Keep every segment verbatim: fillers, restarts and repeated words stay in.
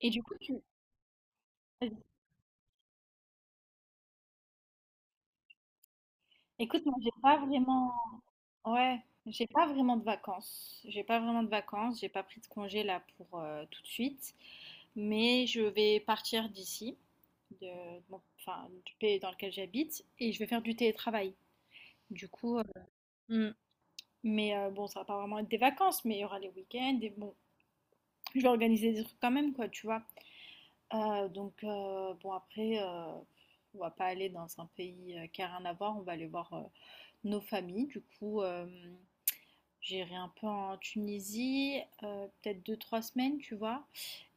Et du coup, tu... Vas-y. Écoute, moi, j'ai pas vraiment... Ouais, j'ai pas vraiment de vacances. J'ai pas vraiment de vacances. J'ai pas pris de congé là pour euh, tout de suite. Mais je vais partir d'ici, de... bon, enfin, du pays dans lequel j'habite, et je vais faire du télétravail. Du coup, euh, mm. mais euh, bon, ça va pas vraiment être des vacances, mais il y aura les week-ends. Et bon, je vais organiser des trucs quand même, quoi, tu vois. Euh, donc, euh, bon, après, euh, on va pas aller dans un pays euh, qui a rien à voir. On va aller voir euh, nos familles, du coup, hem, j'irai un peu en Tunisie, heu, peut-être deux trois semaines, tu vois?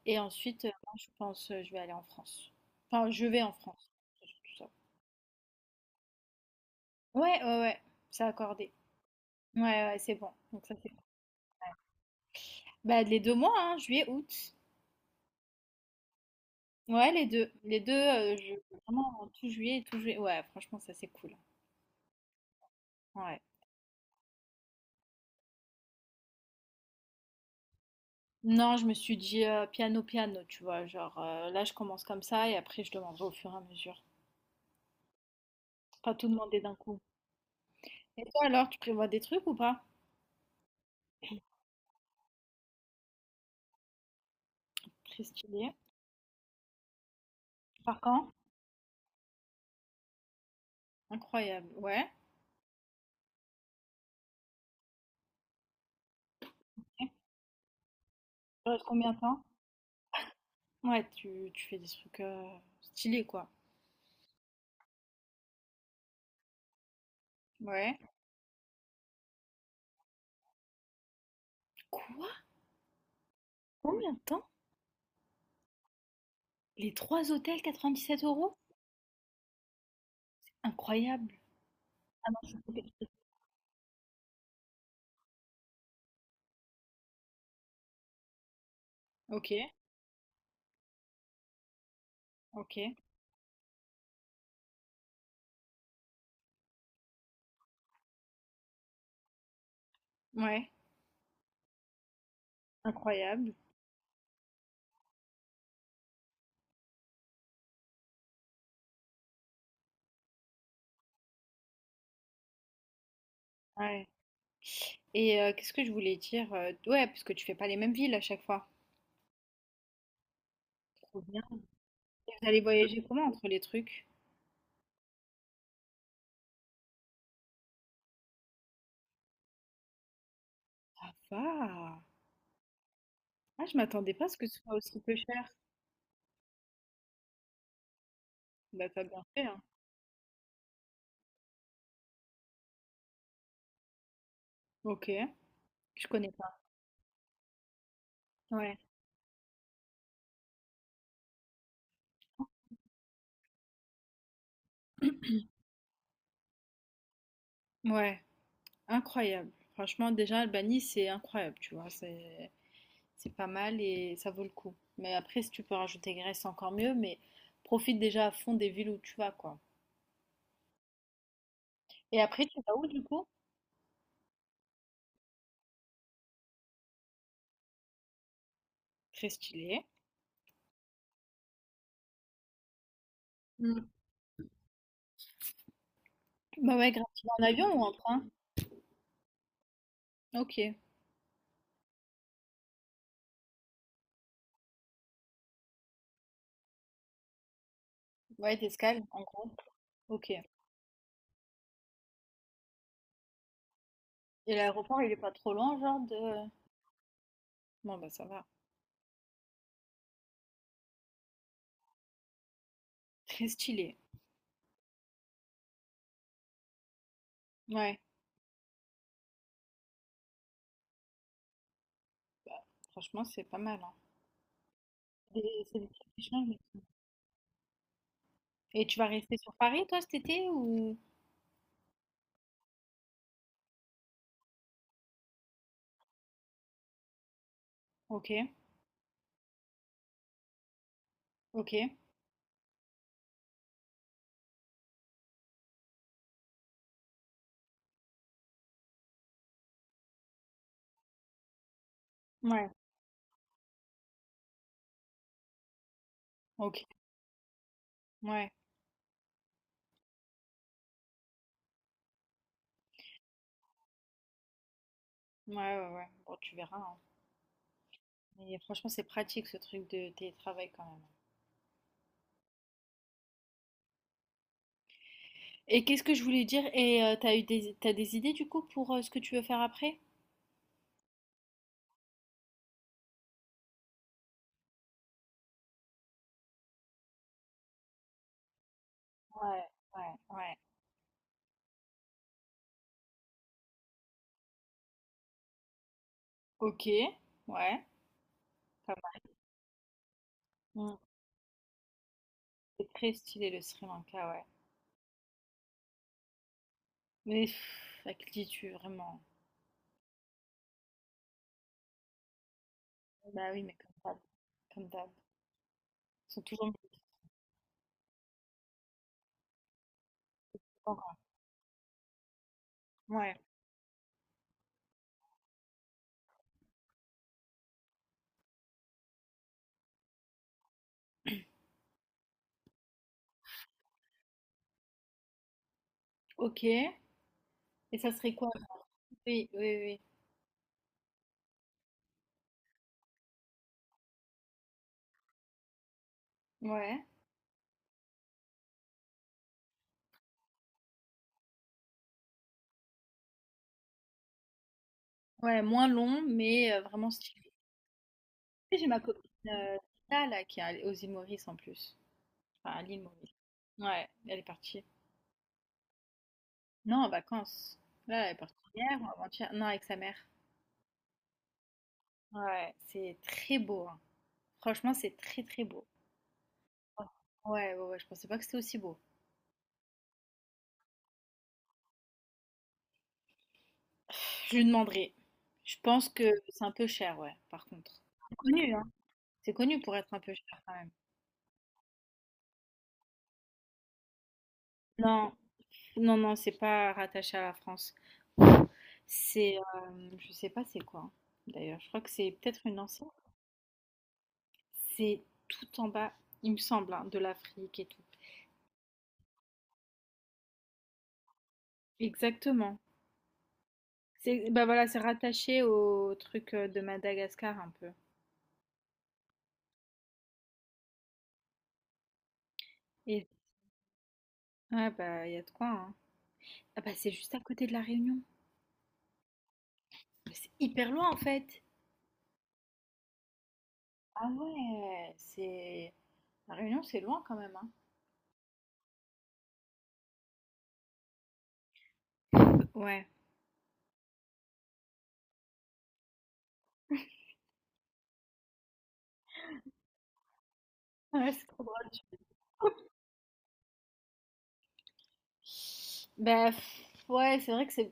Et ensuite, heu, non, je pense, heu, je vais aller en France. Enfin, je vais en France, c'est surtout ça. Ouais, ouais, ouais, c'est accordé. Ouais, ouais, c'est bon, donc ça c'est bon. Bah, les deux mois, hein, juillet, août. Ouais, les deux les deux heu, je vraiment tout juillet, tout juillet. Ouais, franchement, ça c'est cool. Ouais. Non, je me suis dit, heu, piano, piano, tu vois? Genre, heu, là, je commence comme ça et après je demanderai au fur et à mesure. Pas tout demander d'un coup. Et toi alors, tu prévois des trucs ou pas? Très stylé. Par quand? Incroyable. Ouais. Ok. Ça reste combien de temps? Ouais, tu, tu fais des trucs euh, stylés quoi. Ouais. Quoi? Combien de temps? Les trois hôtels quatre-vingt-dix-sept euros? Incroyable. Ah non, je c'est pas. Ok, ok. Ouais. Incroyable. Ouais. Et euh, qu'est-ce que je voulais dire? euh, ouais, parce que tu fais pas les mêmes villes à chaque fois. Trop bien. Et vous allez voyager comment entre les trucs? Ça va. Ah, je m'attendais pas à ce que ce soit aussi peu cher. Bah, t'as bien fait, hein. Ok. Je connais pas. Ouais, ouais, incroyable. Franchement, déjà, Albanie, c'est incroyable, tu vois, c'est c'est pas mal et ça vaut le coup. Mais après, si tu peux rajouter Grèce, encore mieux, mais profite déjà à fond des villes où tu vas, quoi. Et après, tu vas où, du coup? Très stylé. Mm. Bah ouais, grave. Tu vas en avion ou en train? Ok. Ouais, t'escales, en gros. Ok. Et l'aéroport, il est pas trop loin, genre de... Bon, bah ça va. Très stylé. Ouais, franchement, c'est pas mal, hein. Des- c'est des trucs qui changent. Et tout. Et tu vas rester sur Paris, toi, cet été, ou... Ok, ok, ouais, ok, ouais, ouais, ouais, ouais. Bon, tu verras, hein. Mais franchement, c'est pratique ce truc de télétravail quand même. Et qu'est-ce que je voulais dire? Et euh, t'as eu des, t'as des idées du coup pour euh, ce que tu veux faire après? Ouais, ouais, ouais. Ok, ouais, pas mal. Mm. C'est très stylé le Sri Lanka, ouais. Mais pff, à qui dis-tu vraiment? Bah oui, mais comme d'hab, comme d'hab. Ils sont toujours ouais, ok. Et ça serait quoi? Oui, oui, oui. Ouais. Ouais, moins long, mais euh, vraiment stylé. J'ai ma copine, heu, Rita là, qui est allée aux îles Maurice en plus. Enfin, à l'île Maurice. Ouais, elle est partie. Non, en vacances. Là, elle est partie hier ou avant-hier. Non, avec sa mère. Ouais, c'est très beau, hein. Franchement, c'est très, très beau. Oh. Ouais, ouais, ouais, je pensais pas que c'était aussi beau. Je lui demanderai. Je pense que c'est un peu cher, ouais, par contre. C'est connu, hein. C'est connu pour être un peu cher quand même. Non, non, non, c'est pas rattaché à la France. C'est, euh, je sais pas c'est quoi, hein. D'ailleurs, je crois que c'est peut-être une ancienne. C'est tout en bas, il me semble, hein, de l'Afrique et tout. Exactement. C'est bah voilà, c'est rattaché au truc euh, de Madagascar un peu. Et ouais, bah il y a de quoi, hein. Ah bah c'est juste à côté de la Réunion. Mais c'est hyper loin en fait. Ah ouais, c'est... La Réunion, c'est loin quand même, hein. Ouais. Ouais, c'est trop drôle. Bah, pff, ouais, c'est vrai que c'est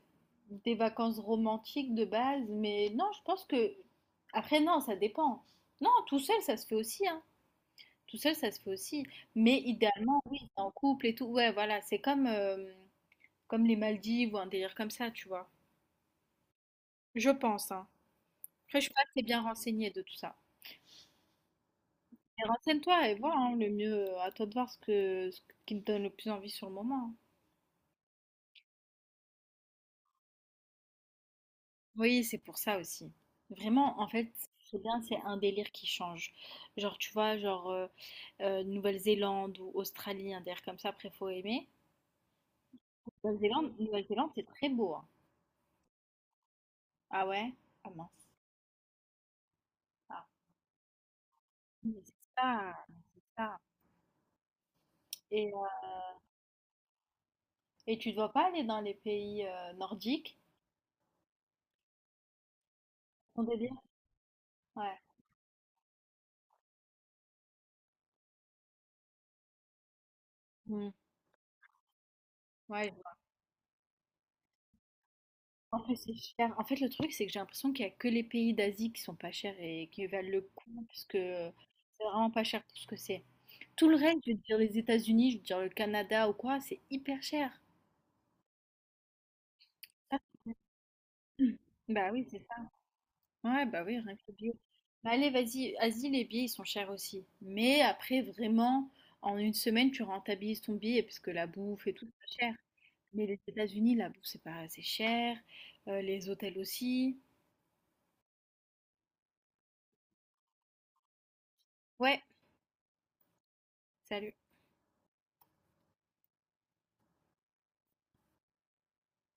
des vacances romantiques de base, mais non, je pense que... Après, non, ça dépend. Non, tout seul, ça se fait aussi, hein. Tout seul, ça se fait aussi. Mais idéalement, oui, t'es en couple et tout. Ouais, voilà, c'est comme, euh, comme les Maldives ou un délire comme ça, tu vois. Je pense, hein. Après, je suis pas très bien renseignée de tout ça. Mais renseigne-toi et vois, hein, le mieux, euh, à toi de voir ce que, ce qui te donne le plus envie sur le moment, hein. Oui, c'est pour ça aussi. Vraiment, en fait, c'est bien, c'est un délire qui change. Genre, tu vois, genre euh, euh, Nouvelle-Zélande ou Australie, un délire comme ça, après, faut aimer. Nouvelle-Zélande, Nouvelle-Zélande, c'est très beau, hein. Ah ouais? Ah mince. Ah. Mais c'est ça, c'est ça. Et, euh, et tu dois pas aller dans les pays euh, nordiques, ton délire? Ouais. Mm. Ouais, je vois. En fait, c'est cher. En fait, le truc, c'est que j'ai l'impression qu'il y a que les pays d'Asie qui sont pas chers et qui valent le coup, parce que c'est vraiment pas cher pour ce que c'est. Tout le reste, je veux dire les États-Unis, je veux dire le Canada ou quoi, c'est hyper cher. Ah, bah oui, c'est ouais, bah oui, rien que le bio. Bah allez, vas-y, vas-y, les billets, ils sont chers aussi. Mais après, vraiment, en une semaine, tu rentabilises ton billet, parce que la bouffe et tout, c'est pas cher. Mais les États-Unis, la bouffe, c'est pas assez cher. euh, les hôtels aussi. Ouais, salut.